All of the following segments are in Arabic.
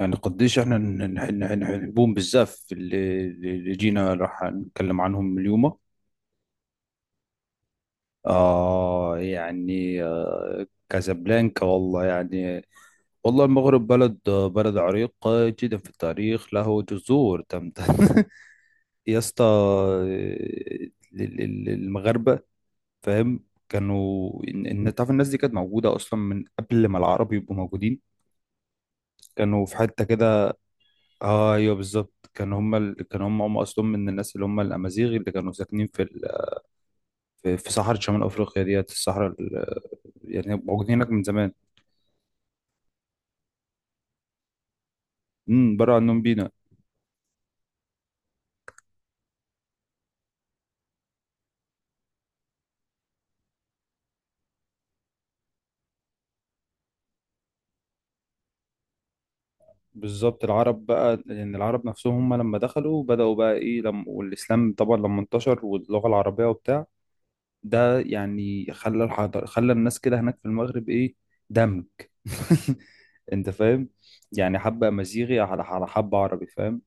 يعني قديش احنا نحبهم بزاف اللي جينا راح نتكلم عنهم اليوم. آه كازابلانكا، والله يعني والله المغرب بلد عريق جدا في التاريخ، له جذور تمتد. يا اسطى المغاربة، فاهم؟ كانوا تعرف الناس دي كانت موجودة اصلا من قبل ما العرب يبقوا موجودين، كانوا في حتة كده. اه ايوه بالظبط، كان هم اصلهم من الناس اللي هم الامازيغ، اللي كانوا ساكنين في صحراء شمال افريقيا ديت، يعني موجودين هناك من زمان. امم، بره عنهم بينا. بالظبط، العرب بقى لان يعني العرب نفسهم هم لما دخلوا بداوا بقى ايه لما، والاسلام طبعا لما انتشر واللغه العربيه وبتاع ده، يعني خلى الحضر، خلى الناس كده هناك في المغرب ايه، دمج. انت فاهم؟ يعني حبه امازيغي على حبه عربي، فاهم؟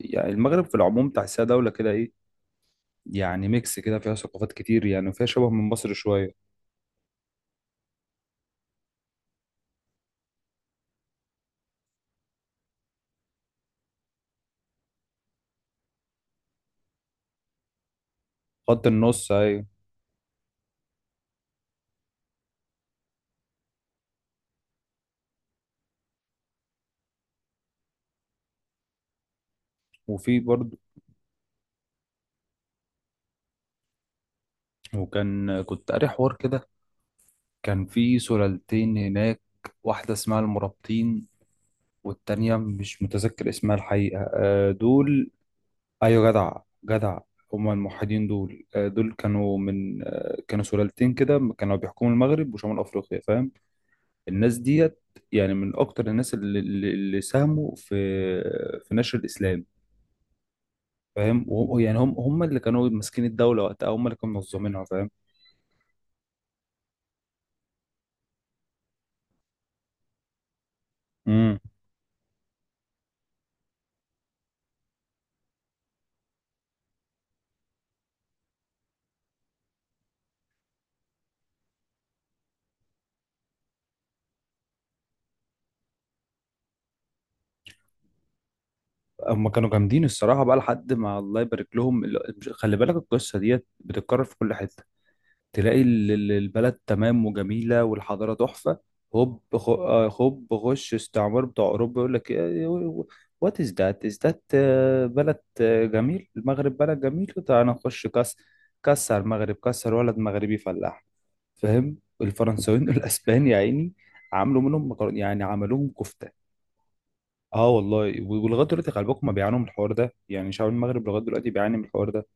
يعني المغرب في العموم تحسها دوله كده ايه، يعني ميكس كده فيها ثقافات كتير يعني، وفيها شبه من مصر شوية. خط النص، أيوة. وفي برضه، وكان كنت قاري حوار كده، كان في سلالتين هناك. واحدة اسمها المرابطين، والتانية مش متذكر اسمها الحقيقة، آه، دول. أيوة جدع، جدع. هما الموحدين دول، آه، دول كانوا من، آه، كانوا سلالتين كده، كانوا بيحكموا المغرب وشمال أفريقيا، فاهم؟ الناس ديت يعني من أكتر الناس اللي ساهموا في في نشر الإسلام، فاهم؟ يعني هم اللي كانوا ماسكين الدوله وقتها، هم اللي كانوا منظمينها، فاهم؟ امم. هم كانوا جامدين الصراحه بقى لحد ما الله يبارك لهم خلي بالك، القصه ديت بتتكرر في كل حته. تلاقي البلد تمام وجميله والحضاره تحفه، هوب خ- آه، هوب غش استعمار بتاع اوروبا يقول لك، وات از ذات از ذات. بلد، آه، جميل، المغرب بلد جميل، تعالى نخش كاس. كسر المغرب، كسر ولد مغربي فلاح، فاهم؟ الفرنساويين والاسبان يا عيني عملوا منهم مكرونه، يعني عملوهم كفته. اه والله. ولغايه دلوقتي خلي بالكم بيعانوا من الحوار ده، يعني شعب المغرب لغايه دلوقتي بيعاني من الحوار ده.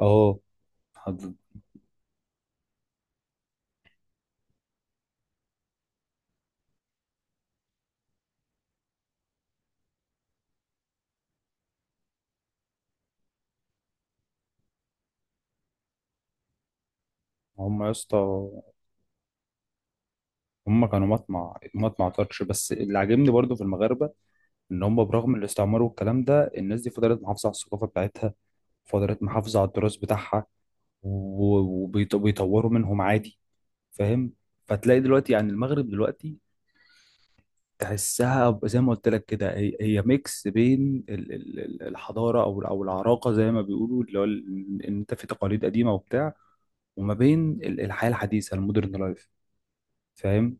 اه. حض- هم يا اسطى، هم كانوا مطمع، طرش. بس اللي عاجبني برضو في المغاربه ان هم برغم الاستعمار والكلام ده، الناس دي فضلت محافظه على الثقافه بتاعتها، فضلت محافظه على التراث بتاعها، وبيطوروا منهم عادي، فاهم؟ فتلاقي دلوقتي يعني المغرب دلوقتي زي ما قلت لك كده، هي ميكس بين الحضاره او العراقه زي ما بيقولوا، اللي هو ان انت في تقاليد قديمه وبتاع، وما بين الحياه الحديثه، المودرن لايف، فاهم؟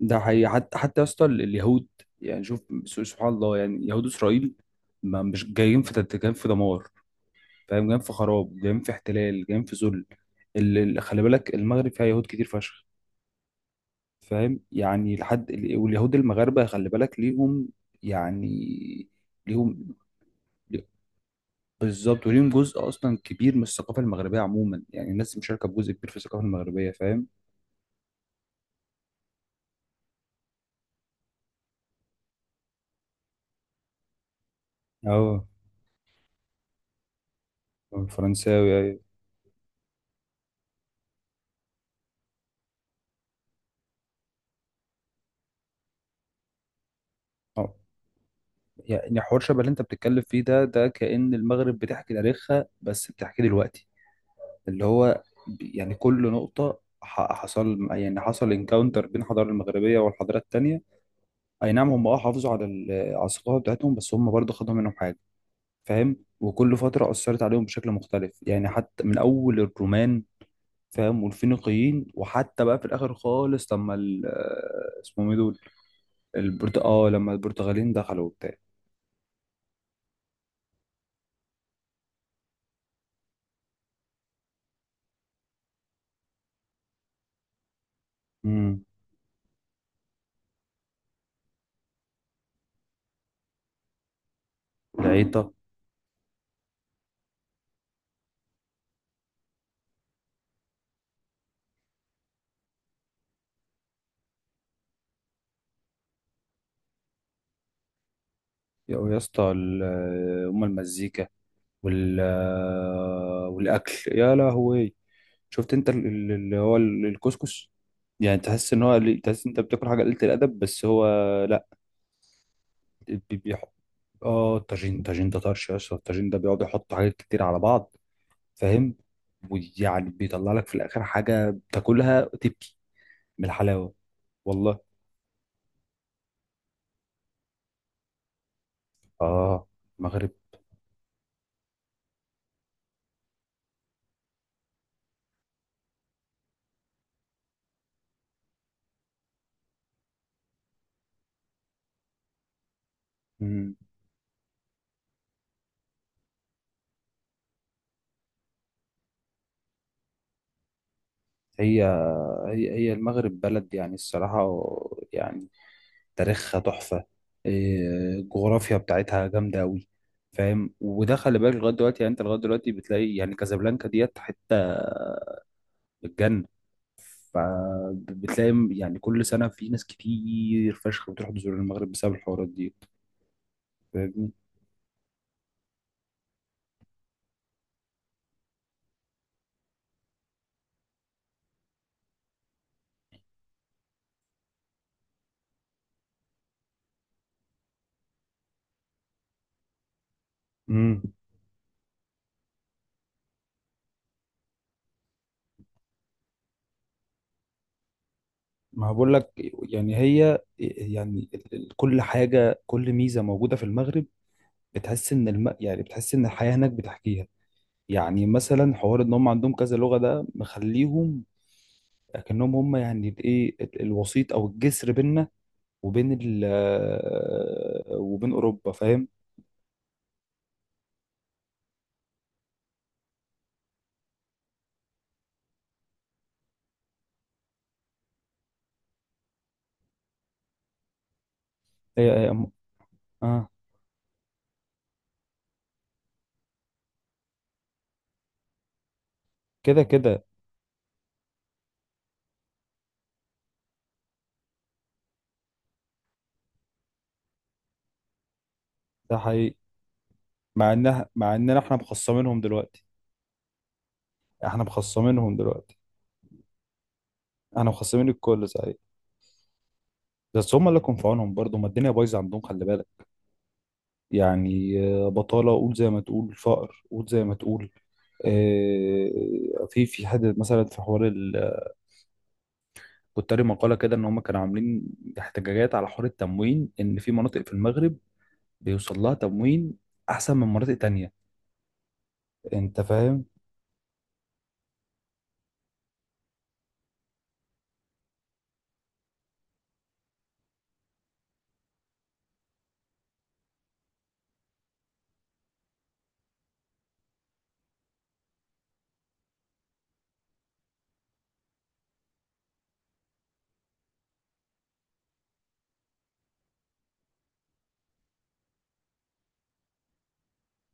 ده حقيقي، حتى يا اسطى اليهود، يعني شوف، سبحان الله، يعني يهود اسرائيل ما مش جايين في دمار، فاهم؟ جايين في خراب، جايين في احتلال، جايين في ذل. خلي بالك، المغرب فيها يهود كتير فشخ، فاهم؟ يعني لحد واليهود المغاربة خلي بالك، ليهم يعني، ليهم. بالظبط، وليهم جزء أصلا كبير من الثقافة المغربية عموما، يعني الناس مشاركة بجزء كبير في الثقافة المغربية، فاهم؟ اه الفرنساوي، أيوة. آه. يعني حوار شبه اللي أنت بتتكلم فيه ده، ده كأن المغرب بتحكي تاريخها، بس بتحكي دلوقتي، اللي هو يعني كل نقطة حصل انكاونتر بين الحضارة المغربية والحضارات التانية. أي نعم هم أه حافظوا على على الثقافة بتاعتهم، بس هم برضه خدوا منهم حاجة، فاهم؟ وكل فترة أثرت عليهم بشكل مختلف، يعني حتى من أول الرومان، فاهم؟ والفينيقيين، وحتى بقى في الآخر خالص لما اسمهم إيه دول، البرت آه لما البرتغاليين دخلوا وبتاع. امم، العيطة. يا يا اسطى أم المزيكا، والأكل، يا لهوي. شفت أنت الكسكس؟ يعني تحس إن هو، تحس إن أنت بتاكل حاجة قليلة الأدب، بس هو بي- بيح... اه الطاجين، الطاجين ده طرش يا اسطى، الطاجين ده بيقعد يحط حاجات كتير على بعض، فاهم؟ ويعني بيطلع لك في الاخر حاجه بتاكلها تبكي من الحلاوه. والله. اه، المغرب. مم. هي هي المغرب بلد يعني الصراحه، يعني تاريخها تحفه، إيه، الجغرافيا بتاعتها جامده قوي، فاهم؟ وده خلي بالك لغايه دلوقتي يعني، انت لغايه دلوقتي بتلاقي يعني كازابلانكا ديت حته الجنه، فبتلاقي يعني كل سنة في ناس كتير فشخ بتروح تزور المغرب بسبب الحوارات دي، فاهمني؟ امم، ما أنا بقول لك يعني، هي يعني كل حاجة، كل ميزة موجودة في المغرب، يعني بتحس ان الحياة هناك بتحكيها. يعني مثلا حوار ان هم عندهم كذا لغة ده مخليهم كأنهم هم يعني الايه الوسيط او الجسر بيننا وبين ال آه، وبين اوروبا، فاهم؟ هي هي- اه. كده كده، ده حقيقي. مع انها، مع اننا احنا مخصمينهم دلوقتي، احنا مخصمينهم دلوقتي، احنا مخصمين الكل صحيح. بس هم اللي كون في عونهم برضه، ما الدنيا بايظه عندهم خلي بالك، يعني آه، بطاله قول زي ما تقول، فقر قول زي ما تقول. آه، في حد مثلا في حوار كنت قاري مقاله كده ان هم كانوا عاملين احتجاجات على حوار التموين، ان في مناطق في المغرب بيوصل لها تموين احسن من مناطق تانية. انت فاهم؟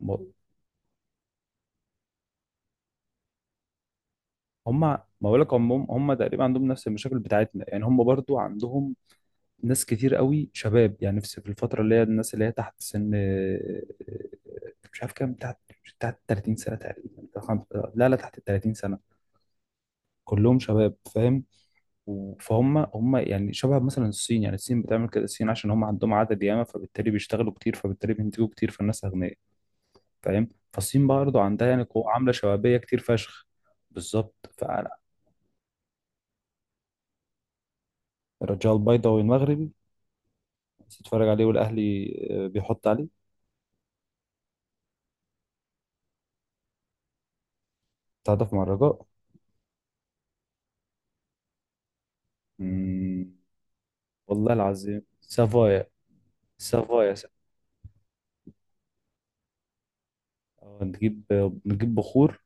م- هم ما بقول لك، هم تقريبا عندهم نفس المشاكل بتاعتنا، يعني هم برضو عندهم ناس كتير قوي شباب، يعني نفسي في الفترة اللي هي الناس اللي هي تحت سن آه، آه، مش عارف كام تحت، مش تحت 30 سنة تقريبا. خم- لا تحت ال 30 سنة، كلهم شباب، فاهم؟ فهم هم يعني شبه مثلا الصين، يعني الصين بتعمل كده، الصين عشان هم عندهم عدد ياما، فبالتالي بيشتغلوا كتير، فبالتالي بينتجوا كتير، فالناس أغنياء، فاهم؟ فالصين برضه عندها يعني قوة عاملة شبابية كتير فشخ. بالظبط فأنا، الرجاء البيضاوي المغربي، بتتفرج عليه والأهلي آه، بيحط عليه. تعاطف مع الرجاء. مم. والله العظيم سافايا. سافايا س- اه نجيب، نجيب بخور،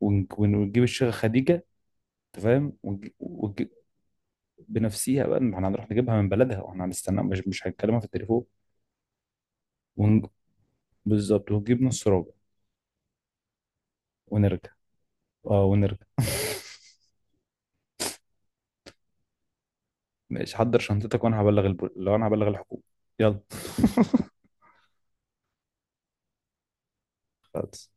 ونجيب الشيخة خديجة، انت فاهم؟ ونجيب بنفسيها بقى، ما احنا هنروح نجيبها من بلدها واحنا هنستنى، مش هنكلمها في التليفون. ونج... بالظبط، ونجيب نص ربع ونرجع. اه ونرجع. ماشي، حضر شنطتك وانا لو انا هبلغ الحكومة، يلا. خلاص.